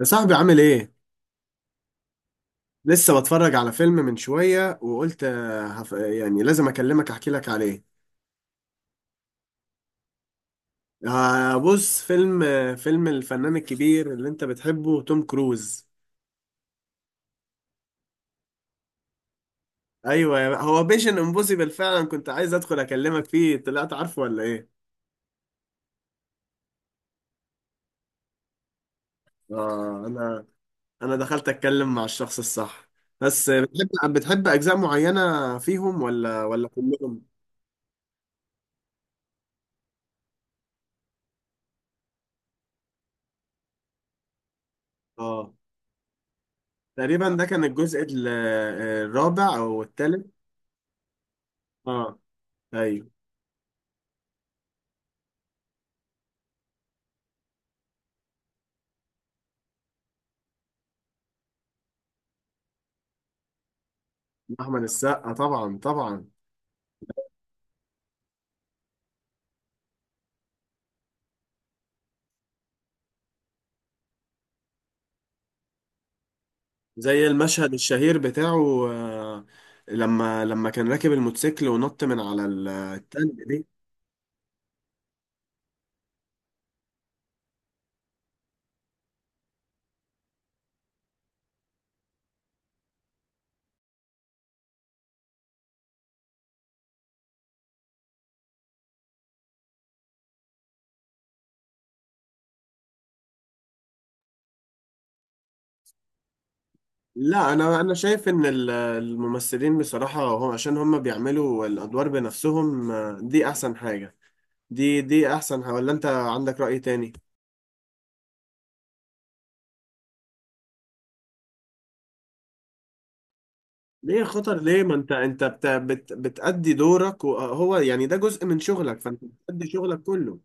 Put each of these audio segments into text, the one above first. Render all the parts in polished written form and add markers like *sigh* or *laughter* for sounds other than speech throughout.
يا صاحبي عامل ايه؟ لسه بتفرج على فيلم من شوية وقلت يعني لازم اكلمك احكي لك عليه. بص فيلم الفنان الكبير اللي انت بتحبه توم كروز. ايوه، هو بيشن امبوسيبل فعلا، كنت عايز ادخل اكلمك فيه، طلعت عارفه ولا ايه؟ اه، انا دخلت اتكلم مع الشخص الصح. بس بتحب اجزاء معينة فيهم ولا كلهم؟ اه، تقريبا ده كان الجزء الرابع او الثالث. اه، ايوه، احمد السقا طبعا طبعا. زي المشهد الشهير بتاعه، لما كان راكب الموتوسيكل ونط من على التلج دي. لا، انا شايف ان الممثلين بصراحة، هم عشان هم بيعملوا الادوار بنفسهم، دي احسن حاجة. دي احسن ولا انت عندك رأي تاني؟ ليه خطر؟ ليه؟ ما انت بت بت بتأدي دورك، وهو يعني ده جزء من شغلك، فانت بتأدي شغلك كله.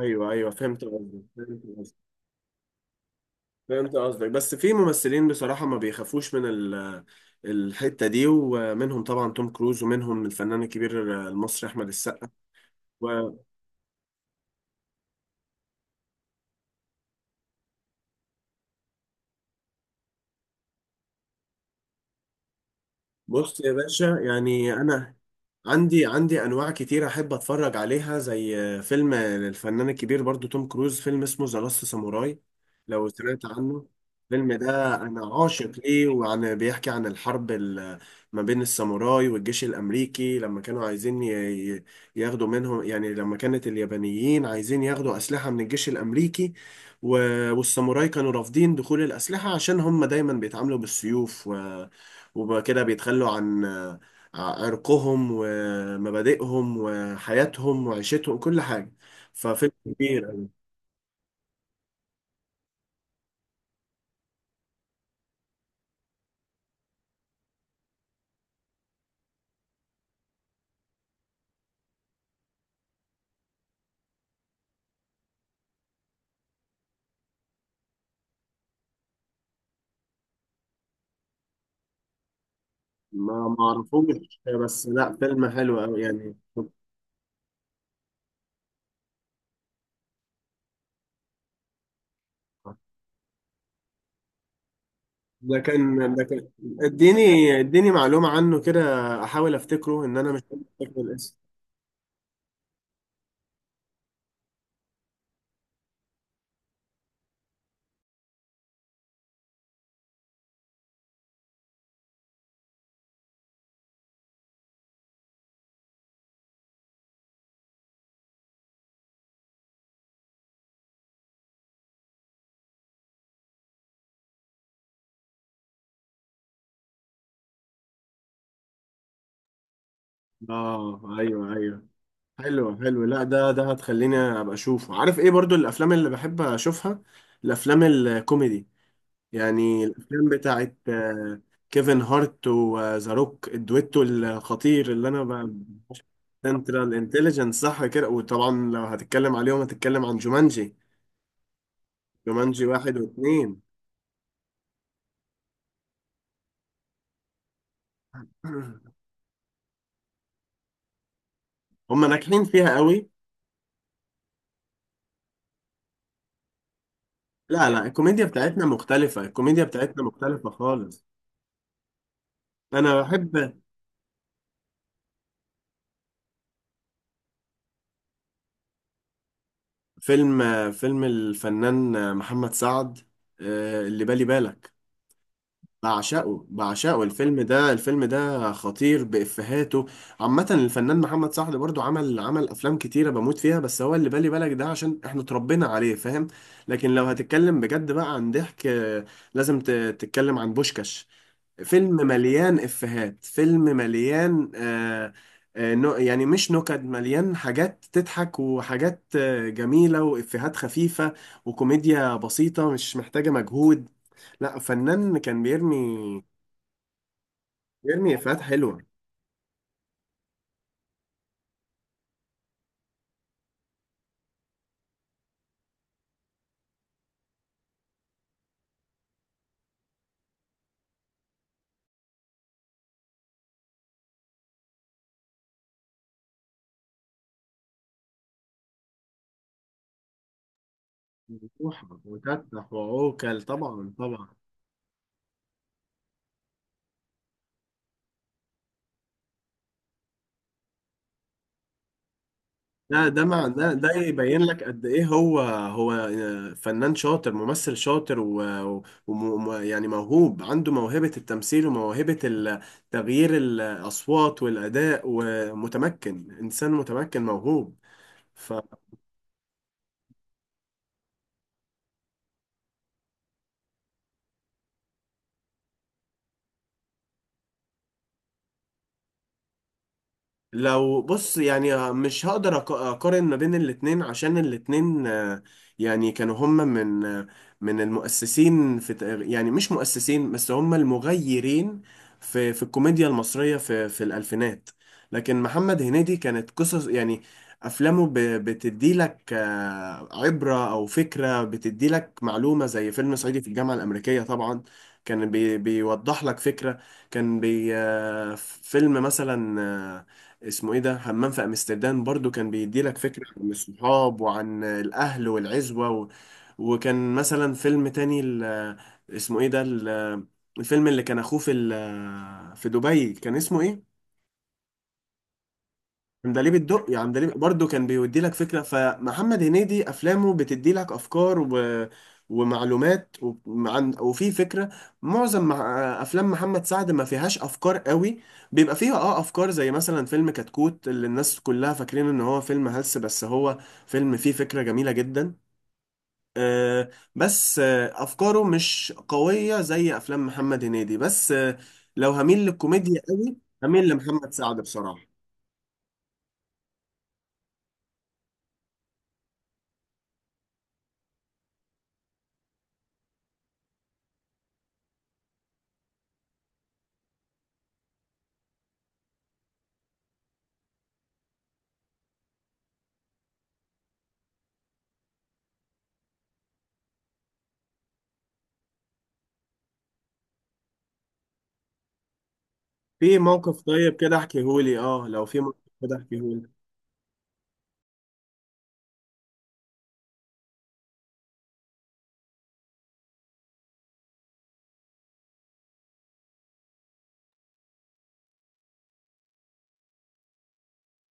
ايوه ايوه، فهمت قصدي، فهمت. فهمت قصدك، بس في ممثلين بصراحة ما بيخافوش من الحتة دي، ومنهم طبعا توم كروز ومنهم الفنان الكبير المصري أحمد السقا. بص يا باشا، يعني انا عندي انواع كتير احب اتفرج عليها، زي فيلم الفنان الكبير برضو توم كروز، فيلم اسمه ذا لاست ساموراي، لو سمعت عنه. الفيلم ده انا عاشق ليه، وعن بيحكي عن الحرب ما بين الساموراي والجيش الامريكي، لما كانوا عايزين ي- ياخدوا منهم، يعني لما كانت اليابانيين عايزين ياخدوا اسلحة من الجيش الامريكي، والساموراي كانوا رافضين دخول الاسلحة عشان هم دايما بيتعاملوا بالسيوف، وبقى كده بيتخلوا عن عرقهم ومبادئهم وحياتهم وعيشتهم، كل حاجة. ففيلم كبير. ما اعرفوش، بس لا فيلم حلو قوي يعني. لكن اديني معلومة عنه كده، احاول افتكره، ان انا مش قادر افتكر الاسم. اه ايوه ايوه، حلو حلو. لا، ده هتخليني ابقى اشوفه. عارف ايه برضو الافلام اللي بحب اشوفها؟ الافلام الكوميدي، يعني الافلام بتاعت كيفن هارت وذا روك، الدويتو الخطير اللي انا سنترال انتليجنس، صح كده. وطبعا لو هتتكلم عليهم هتتكلم عن جومانجي واحد واثنين. *clears throat* هم ناجحين فيها قوي. لا لا، الكوميديا بتاعتنا مختلفة، الكوميديا بتاعتنا مختلفة خالص. أنا بحب فيلم الفنان محمد سعد، اللي بالي بالك. بعشقه بعشقه الفيلم ده، الفيلم ده خطير بإفهاته. عامة الفنان محمد سعد برضو عمل أفلام كتيرة بموت فيها، بس هو اللي بالي بالك ده عشان احنا اتربينا عليه، فاهم. لكن لو هتتكلم بجد بقى عن ضحك، لازم تتكلم عن بوشكاش، فيلم مليان إفيهات، فيلم مليان. نو يعني مش نكد، مليان حاجات تضحك وحاجات جميلة وإفيهات خفيفة، وكوميديا بسيطة مش محتاجة مجهود. لا فنان، كان بيرمي إفيهات حلوة وتفتح وعوكل طبعا طبعا. ده مع ده يبين لك قد ايه هو فنان شاطر، ممثل شاطر، يعني موهوب، عنده موهبة التمثيل وموهبة تغيير الأصوات والأداء، ومتمكن، إنسان متمكن موهوب. لو بص، يعني مش هقدر اقارن ما بين الاتنين، عشان الاتنين، يعني كانوا هم من المؤسسين، في يعني مش مؤسسين، بس هم المغيرين في الكوميديا المصرية في الألفينات. لكن محمد هنيدي كانت قصص، يعني أفلامه بتدي لك عبرة أو فكرة، بتدي لك معلومة، زي فيلم صعيدي في الجامعة الأمريكية طبعا، كان بيوضح لك فكرة. كان بي آه، فيلم مثلا، اسمه ايه ده، همام في امستردام برضو، كان بيدي لك فكرة عن الصحاب وعن الاهل والعزوة و... وكان مثلا فيلم تاني، ال... اسمه ايه ده، ال... الفيلم اللي كان اخوه في ال... في دبي، كان اسمه ايه؟ عندليب الدق، يعني عندليب برضه كان بيودي لك فكرة. فمحمد هنيدي أفلامه بتدي لك أفكار و... ومعلومات و... عن... وفي فكرة معظم مع... أفلام محمد سعد ما فيهاش أفكار قوي، بيبقى فيها أه أفكار، زي مثلا فيلم كتكوت، اللي الناس كلها فاكرين إن هو فيلم هلس، بس هو فيلم فيه فكرة جميلة جدا. آه، بس آه أفكاره مش قوية زي أفلام محمد هنيدي، بس آه، لو هميل للكوميديا قوي هميل لمحمد سعد بصراحة. في موقف؟ طيب كده احكيهولي، اه، لو في موقف كده احكيهولي.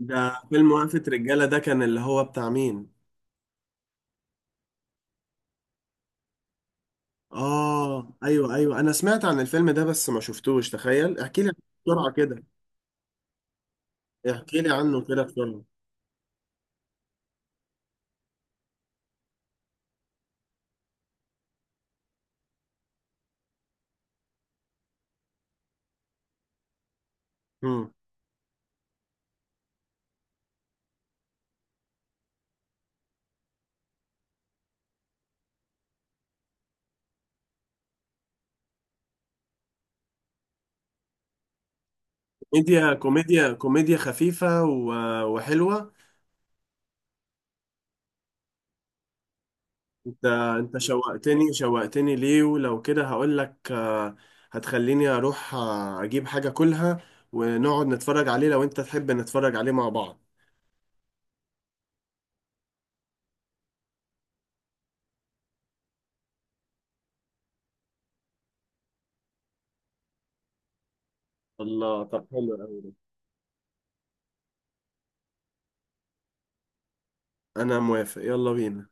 ده فيلم وقفة رجالة ده، كان اللي هو بتاع مين؟ اه ايوه ايوه، انا سمعت عن الفيلم ده بس ما شفتوش، تخيل احكي لي. بسرعة كده، احكي لي عنه كده بسرعة. مم. كوميديا كوميديا كوميديا خفيفة وحلوة. انت، شوقتني شوقتني ليه، ولو كده هقول لك، هتخليني اروح اجيب حاجة كلها، ونقعد نتفرج عليه، لو انت تحب نتفرج عليه مع بعض. الله، طب حلو. انا موافق، يلا بينا.